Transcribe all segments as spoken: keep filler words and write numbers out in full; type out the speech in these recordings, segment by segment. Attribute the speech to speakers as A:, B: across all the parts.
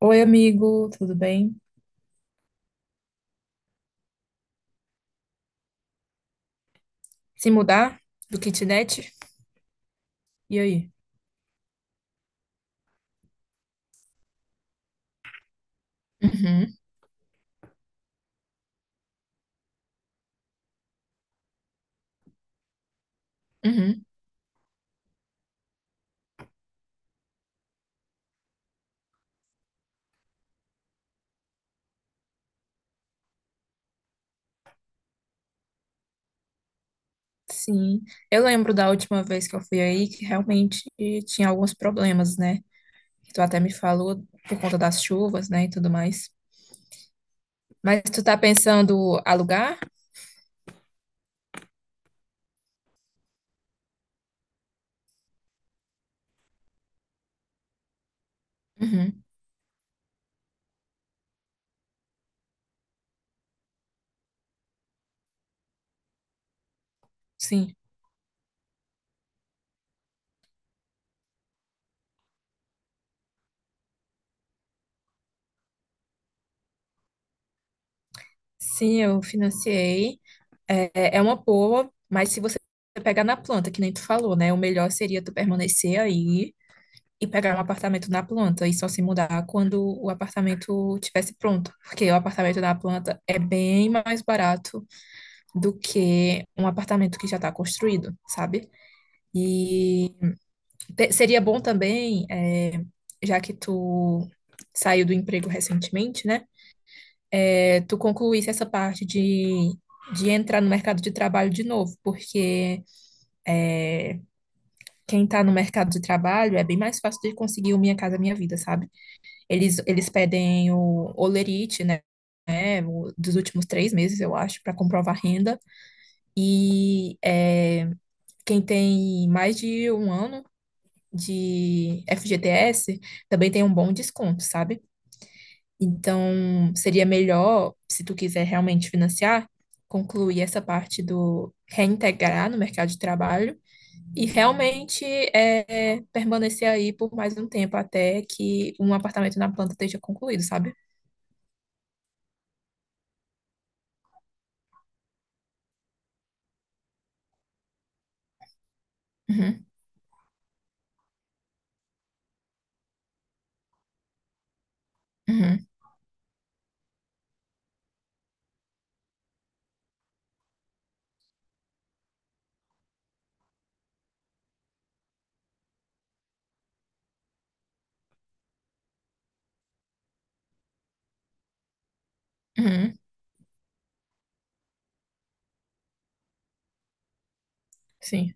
A: Oi, amigo, tudo bem? Se mudar do kitnet? E aí? Uhum, uhum. Sim, eu lembro da última vez que eu fui aí que realmente tinha alguns problemas, né? Que tu até me falou por conta das chuvas, né, e tudo mais. Mas tu tá pensando alugar? Uhum, sim. Sim, eu financiei. É, é uma boa, mas se você pegar na planta, que nem tu falou, né? O melhor seria tu permanecer aí e pegar um apartamento na planta e só se mudar quando o apartamento tivesse pronto, porque o apartamento na planta é bem mais barato do que um apartamento que já está construído, sabe? E te- seria bom também, é, já que tu saiu do emprego recentemente, né? É, tu concluísse essa parte de, de entrar no mercado de trabalho de novo, porque é, quem está no mercado de trabalho é bem mais fácil de conseguir o Minha Casa Minha Vida, sabe? Eles, eles pedem o olerite, né? Né, o- dos últimos três meses, eu acho, para comprovar renda. E é, quem tem mais de um ano de F G T S também tem um bom desconto, sabe? Então, seria melhor, se tu quiser realmente financiar, concluir essa parte do reintegrar no mercado de trabalho e realmente é, permanecer aí por mais um tempo até que um apartamento na planta esteja concluído, sabe? Uhum, uhum, uhum, sim,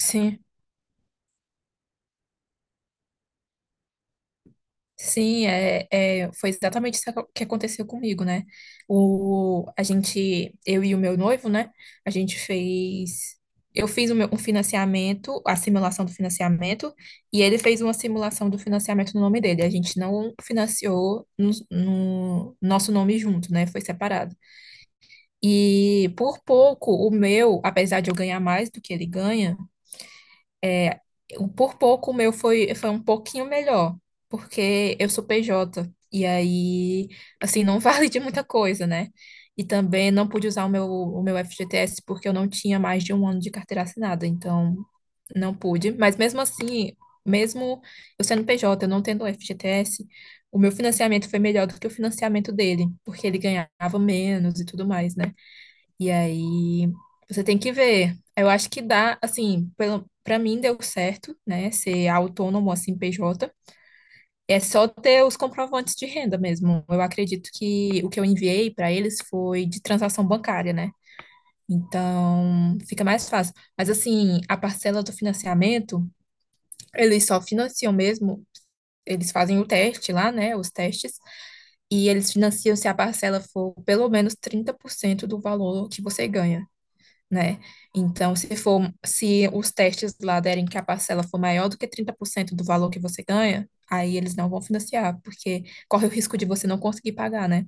A: sim, sim, é, é, foi exatamente isso que aconteceu comigo, né? O, a gente, eu e o meu noivo, né? A gente fez, eu fiz o meu, um financiamento, a simulação do financiamento, e ele fez uma simulação do financiamento no nome dele. A gente não financiou no, no nosso nome junto, né? Foi separado. E por pouco, o meu, apesar de eu ganhar mais do que ele ganha, eu- por pouco o meu foi, foi um pouquinho melhor, porque eu sou P J, e aí, assim, não vale de muita coisa, né? E também não pude usar o meu, o meu F G T S porque eu não tinha mais de um ano de carteira assinada, então não pude. Mas mesmo assim, mesmo eu sendo P J, eu não tendo o F G T S, o meu financiamento foi melhor do que o financiamento dele, porque ele ganhava menos e tudo mais, né? E aí você tem que ver. Eu acho que dá, assim, pelo, para mim deu certo, né? Ser autônomo assim, P J. É só ter os comprovantes de renda mesmo. Eu acredito que o que eu enviei para eles foi de transação bancária, né? Então, fica mais fácil. Mas assim, a parcela do financiamento, eles só financiam mesmo, eles fazem o teste lá, né, os testes, e eles financiam se a parcela for pelo menos trinta por cento do valor que você ganha, né? Então, se for, se os testes lá derem que a parcela for maior do que trinta por cento do valor que você ganha, aí eles não vão financiar, porque corre o risco de você não conseguir pagar, né?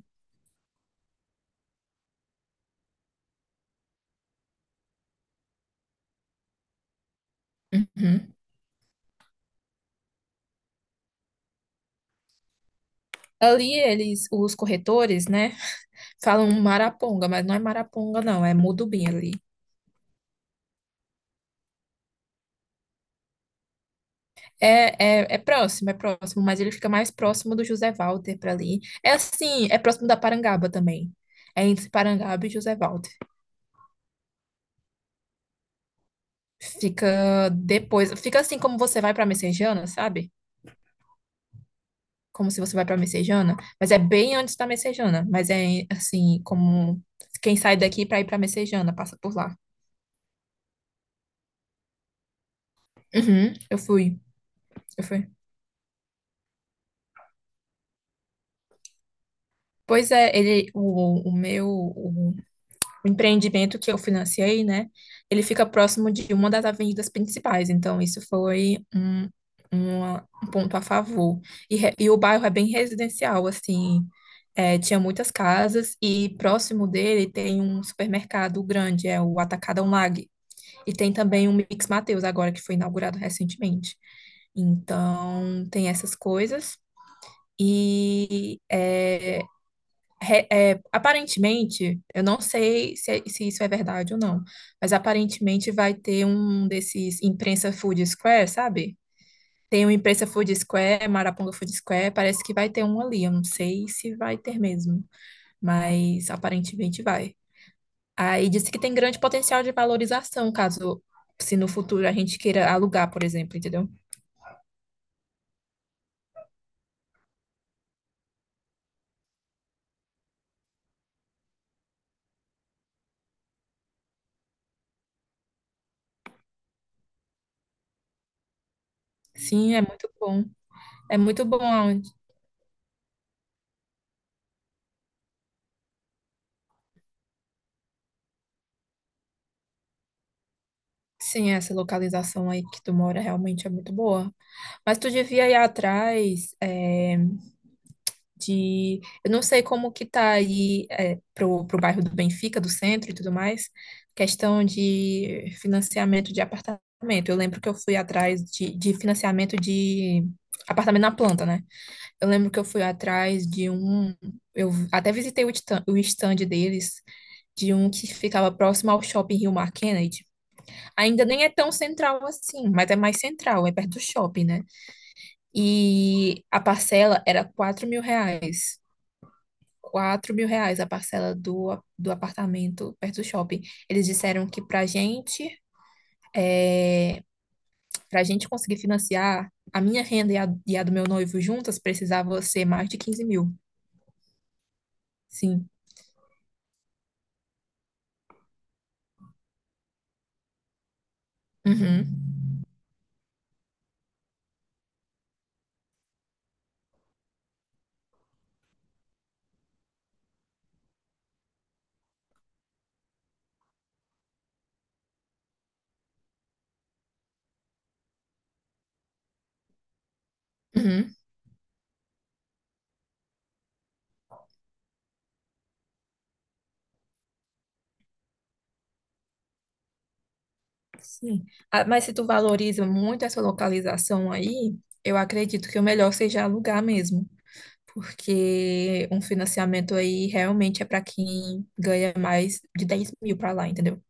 A: Uhum. Ali eles, os corretores, né, falam Maraponga, mas não é Maraponga, não, é Mudubim ali. É, é, é próximo, é próximo, mas ele fica mais próximo do José Walter para ali. É assim, é próximo da Parangaba também. É entre Parangaba e José Walter. Fica depois, fica assim como você vai para Messejana, sabe? Como se você vai pra Messejana, mas é bem antes da Messejana, mas é assim, como quem sai daqui pra ir pra Messejana, passa por lá. Uhum, eu fui, eu fui. Pois é, ele, o, o meu, o empreendimento que eu financiei, né? Ele fica próximo de uma das avenidas principais, então isso foi um, uma- um ponto a favor. E, re- e o bairro é bem residencial, assim, é, tinha muitas casas e próximo dele tem um supermercado grande, é o Atacadão Lag, e tem também o Mix Mateus agora, que foi inaugurado recentemente. Então, tem essas coisas. E é, re- é, aparentemente, eu não sei se, é, se isso é verdade ou não, mas aparentemente vai ter um desses imprensa Food Square, sabe? Tem o imprensa Food Square, Maraponga Food Square, parece que vai ter um ali. Eu não sei se vai ter mesmo, mas aparentemente vai. Aí disse que tem grande potencial de valorização, caso se no futuro a gente queira alugar, por exemplo, entendeu? Sim, é muito bom. É muito bom aonde. Sim, essa localização aí que tu mora realmente é muito boa. Mas tu devia ir atrás é, de. Eu não sei como que tá aí é, pro, pro bairro do Benfica, do centro e tudo mais, questão de financiamento de apartamento. Eu lembro que eu fui atrás de, de financiamento de apartamento na planta, né? Eu lembro que eu fui atrás de um. Eu até visitei o stand, o stand deles, de um que ficava próximo ao shopping Rio Mar Kennedy. Ainda nem é tão central assim, mas é mais central, é perto do shopping, né? E a parcela era quatro mil reais. Quatro mil reais a parcela do, do apartamento perto do shopping. Eles disseram que pra gente, pra gente conseguir financiar, a minha renda e a, e a do meu noivo juntas precisava ser mais de quinze mil. Sim. Uhum. Uhum. Sim. Ah, mas se tu valoriza muito essa localização aí, eu acredito que o melhor seja alugar mesmo, porque um financiamento aí realmente é para quem ganha mais de dez mil para lá, entendeu?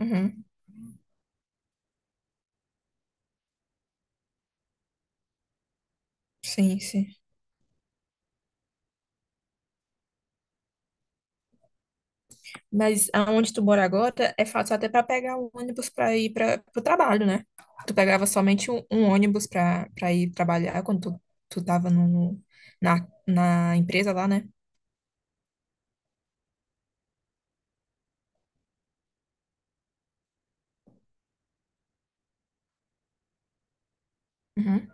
A: Uhum. Sim, sim. Mas aonde tu mora agora é fácil até para pegar o ônibus para ir para o trabalho, né? Tu pegava somente um, um ônibus para para ir trabalhar quando tu, tu tava no, na, na empresa lá, né? Uhum.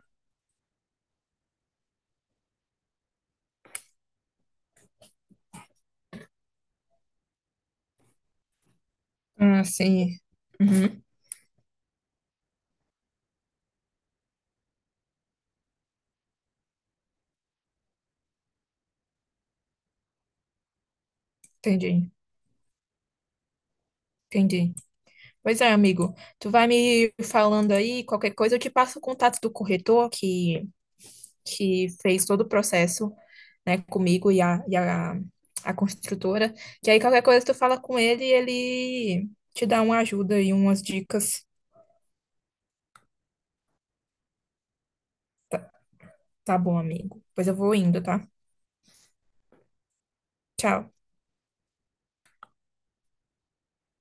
A: Ah, sim. Uhum. Entendi, entendi. Pois é, amigo. Tu vai me falando aí, qualquer coisa, eu te passo o contato do corretor que que fez todo o processo, né, comigo e a, e a, a construtora, que aí qualquer coisa tu fala com ele e ele te dá uma ajuda e umas dicas. Tá bom, amigo. Pois eu vou indo, tá? Tchau.